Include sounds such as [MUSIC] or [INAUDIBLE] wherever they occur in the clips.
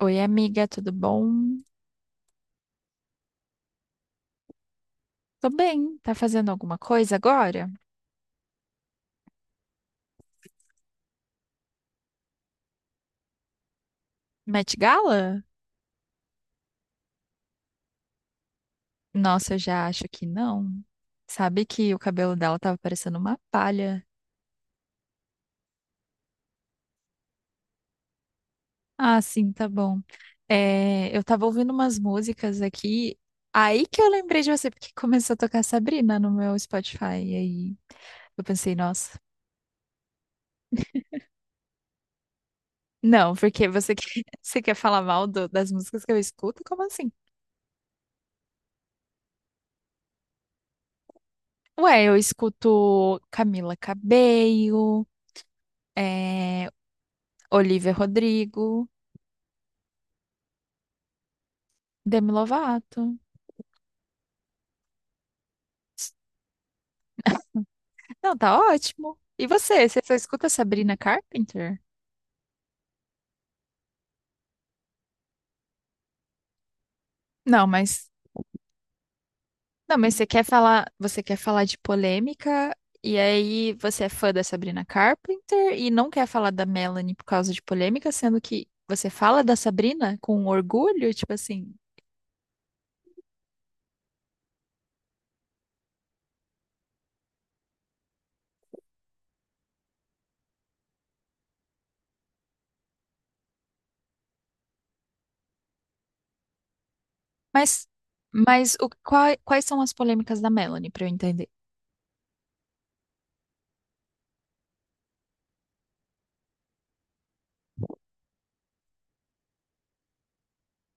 Oi, amiga, tudo bom? Tô bem. Tá fazendo alguma coisa agora? Met Gala? Nossa, eu já acho que não. Sabe que o cabelo dela tava parecendo uma palha. Ah, sim, tá bom. É, eu tava ouvindo umas músicas aqui, aí que eu lembrei de você, porque começou a tocar Sabrina no meu Spotify. E aí eu pensei, nossa, não, porque [LAUGHS] você quer falar mal das músicas que eu escuto? Como assim? Ué, eu escuto Camila Cabello. É, Olivia Rodrigo, Demi Lovato. Não, tá ótimo. E você? Você só escuta Sabrina Carpenter? Não, mas não, mas você quer falar de polêmica e aí você é fã da Sabrina Carpenter e não quer falar da Melanie por causa de polêmica, sendo que você fala da Sabrina com orgulho, tipo assim, Mas, mas quais são as polêmicas da Melanie, pra eu entender?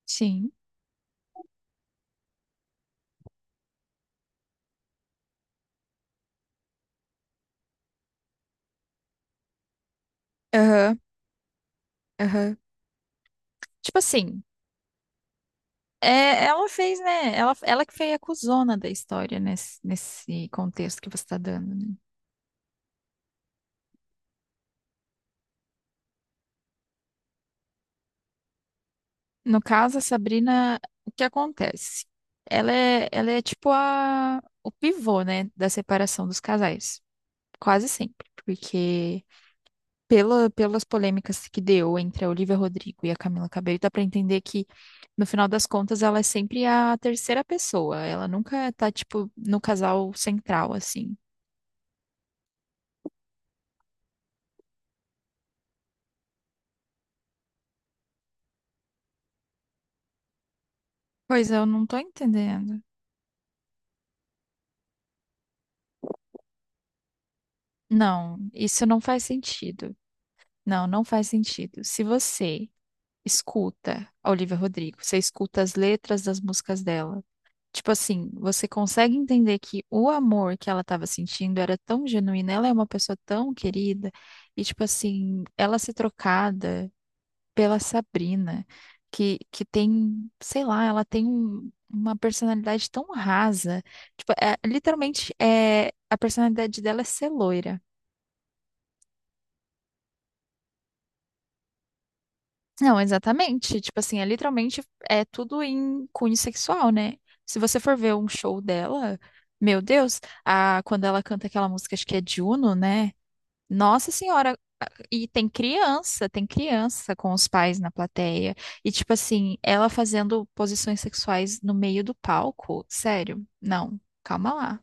Sim. Aham, aham. Tipo assim, é, ela fez, né? Ela que foi a cuzona da história nesse contexto que você tá dando, né? No caso, a Sabrina, o que acontece? Ela é tipo o pivô, né, da separação dos casais. Quase sempre. Porque pelas polêmicas que deu entre a Olivia Rodrigo e a Camila Cabello, dá pra entender que, no final das contas, ela é sempre a terceira pessoa. Ela nunca tá, tipo, no casal central, assim. Pois é, eu não tô entendendo. Não, isso não faz sentido. Não, não faz sentido. Se você escuta a Olivia Rodrigo, você escuta as letras das músicas dela. Tipo assim, você consegue entender que o amor que ela estava sentindo era tão genuíno, ela é uma pessoa tão querida, e tipo assim, ela ser trocada pela Sabrina, que tem, sei lá, ela tem uma personalidade tão rasa. Tipo, literalmente, é, a personalidade dela é ser loira. Não, exatamente. Tipo assim, é literalmente é tudo em cunho sexual, né? Se você for ver um show dela, meu Deus, quando ela canta aquela música, acho que é Juno, né? Nossa Senhora, e tem tem criança com os pais na plateia. E tipo assim, ela fazendo posições sexuais no meio do palco, sério? Não, calma lá.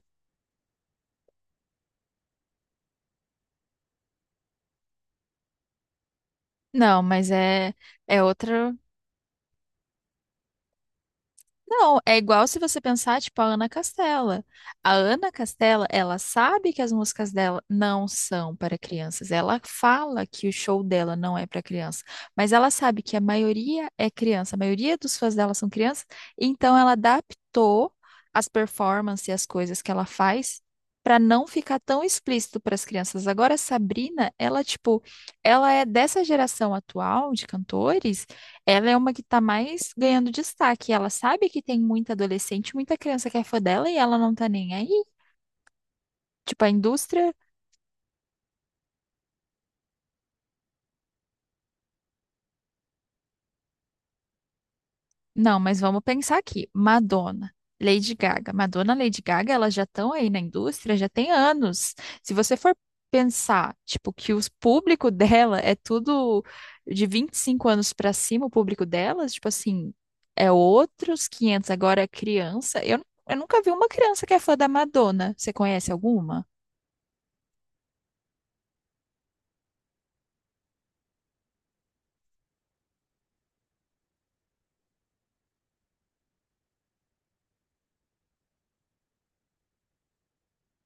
Não, mas é é outra. Não, é igual se você pensar, tipo, a Ana Castela. A Ana Castela, ela sabe que as músicas dela não são para crianças. Ela fala que o show dela não é para criança, mas ela sabe que a maioria é criança, a maioria dos fãs dela são crianças, então ela adaptou as performances e as coisas que ela faz para não ficar tão explícito para as crianças. Agora, a Sabrina, ela, tipo, ela é dessa geração atual de cantores, ela é uma que tá mais ganhando destaque. Ela sabe que tem muita adolescente, muita criança que é fã dela e ela não tá nem aí. Tipo, a indústria. Não, mas vamos pensar aqui. Madonna, Lady Gaga. Madonna, Lady Gaga, elas já estão aí na indústria, já tem anos. Se você for pensar, tipo, que o público [LAUGHS] dela é tudo de 25 anos pra cima, o público delas, tipo assim, é outros quinhentos. Agora, é criança. Eu nunca vi uma criança que é fã da Madonna. Você conhece alguma?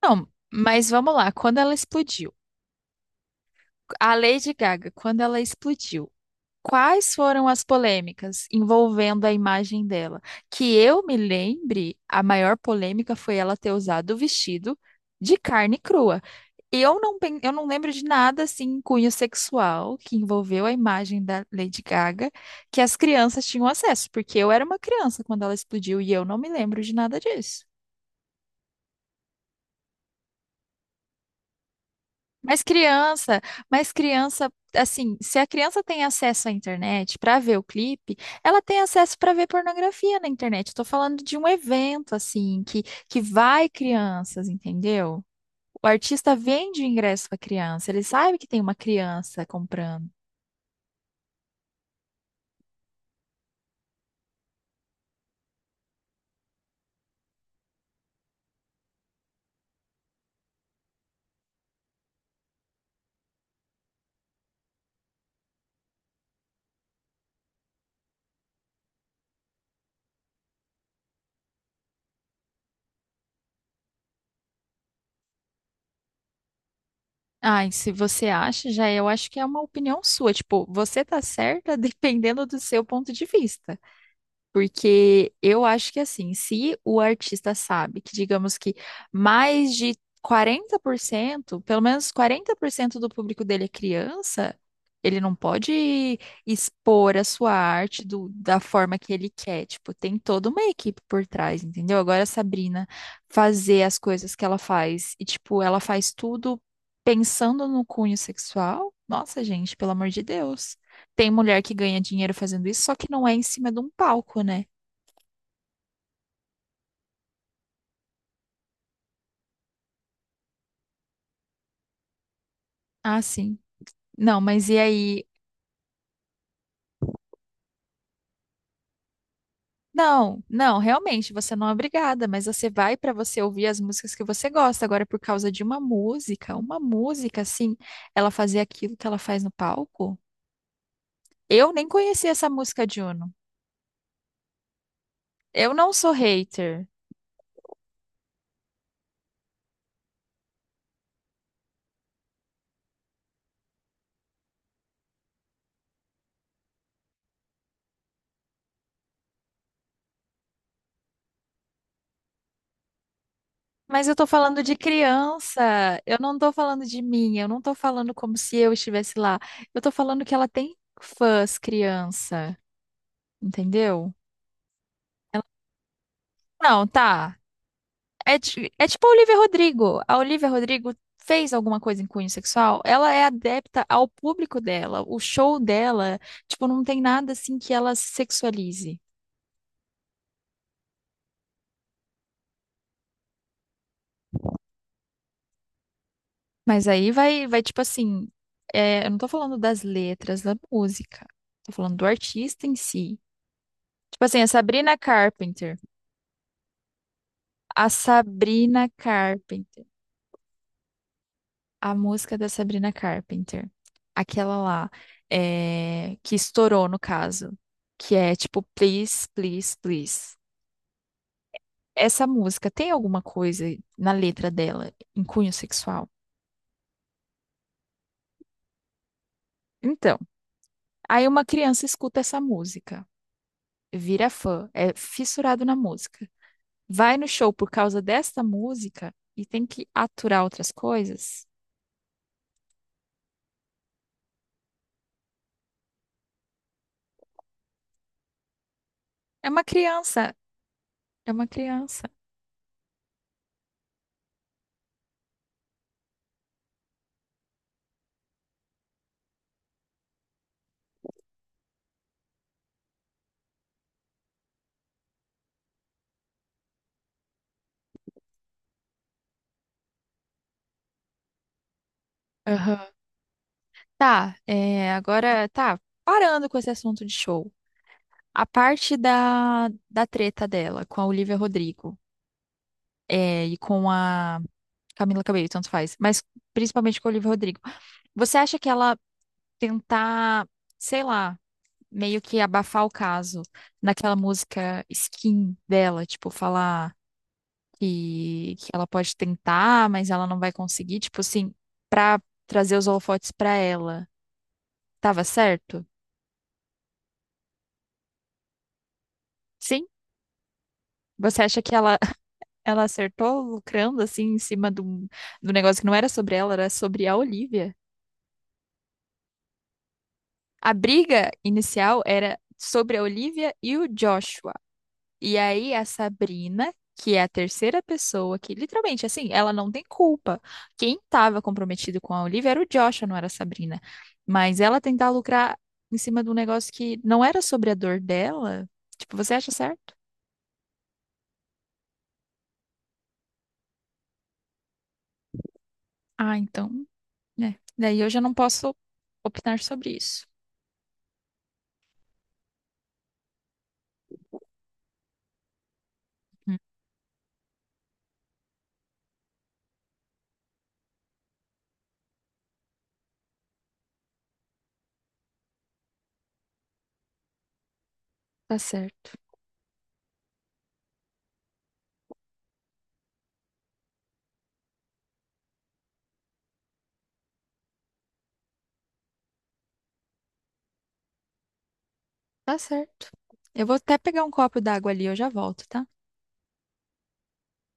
Não, mas vamos lá. Quando ela explodiu, a Lady Gaga, quando ela explodiu, quais foram as polêmicas envolvendo a imagem dela? Que eu me lembre, a maior polêmica foi ela ter usado o vestido de carne crua. Eu não lembro de nada assim, em cunho sexual que envolveu a imagem da Lady Gaga que as crianças tinham acesso, porque eu era uma criança quando ela explodiu e eu não me lembro de nada disso. Mas criança, mas criança, assim, se a criança tem acesso à internet para ver o clipe, ela tem acesso para ver pornografia na internet. Estou falando de um evento, assim, que vai crianças, entendeu? O artista vende o ingresso para criança, ele sabe que tem uma criança comprando. Ai, se você acha, já eu acho que é uma opinião sua. Tipo, você tá certa [LAUGHS] dependendo do seu ponto de vista. Porque eu acho que assim, se o artista sabe que, digamos que mais de 40%, pelo menos 40% do público dele é criança, ele não pode expor a sua arte da forma que ele quer. Tipo, tem toda uma equipe por trás, entendeu? Agora a Sabrina fazer as coisas que ela faz e, tipo, ela faz tudo pensando no cunho sexual. Nossa, gente, pelo amor de Deus. Tem mulher que ganha dinheiro fazendo isso, só que não é em cima de um palco, né? Ah, sim. Não, mas e aí? Não, não, realmente, você não é obrigada, mas você vai pra você ouvir as músicas que você gosta. Agora, por causa de uma música, assim, ela fazer aquilo que ela faz no palco? Eu nem conhecia essa música de Uno. Eu não sou hater, mas eu tô falando de criança. Eu não tô falando de mim, eu não tô falando como se eu estivesse lá. Eu tô falando que ela tem fãs criança, entendeu? Ela, não, tá. É, é tipo a Olivia Rodrigo. A Olivia Rodrigo fez alguma coisa em cunho sexual, ela é adepta ao público dela. O show dela, tipo, não tem nada assim que ela se sexualize. Mas aí vai tipo assim, é, eu não tô falando das letras da música, tô falando do artista em si. Tipo assim, a Sabrina Carpenter. A Sabrina Carpenter. A música da Sabrina Carpenter. Aquela lá, é, que estourou no caso. Que é tipo, please, please, please. Essa música tem alguma coisa na letra dela em cunho sexual? Então, aí uma criança escuta essa música, vira fã, é fissurado na música. Vai no show por causa desta música e tem que aturar outras coisas? É uma criança, é uma criança. Aham. Tá, é, agora tá parando com esse assunto de show. A parte da treta dela com a Olivia Rodrigo é, e com a Camila Cabello, tanto faz, mas principalmente com a Olivia Rodrigo. Você acha que ela tentar, sei lá, meio que abafar o caso naquela música Skin dela, tipo, falar que ela pode tentar, mas ela não vai conseguir, tipo assim, pra trazer os holofotes pra ela, tava certo? Sim? Você acha que ela ela acertou lucrando assim em cima do negócio que não era sobre ela, era sobre a Olivia. A briga inicial era sobre a Olivia e o Joshua. E aí a Sabrina, que é a terceira pessoa que literalmente assim, ela não tem culpa. Quem estava comprometido com a Olivia era o Joshua, não era a Sabrina. Mas ela tentar lucrar em cima de um negócio que não era sobre a dor dela, tipo, você acha certo? Ah, então, né. Daí eu já não posso opinar sobre isso. Hum. Tá certo. Tá certo. Eu vou até pegar um copo d'água ali, eu já volto, tá?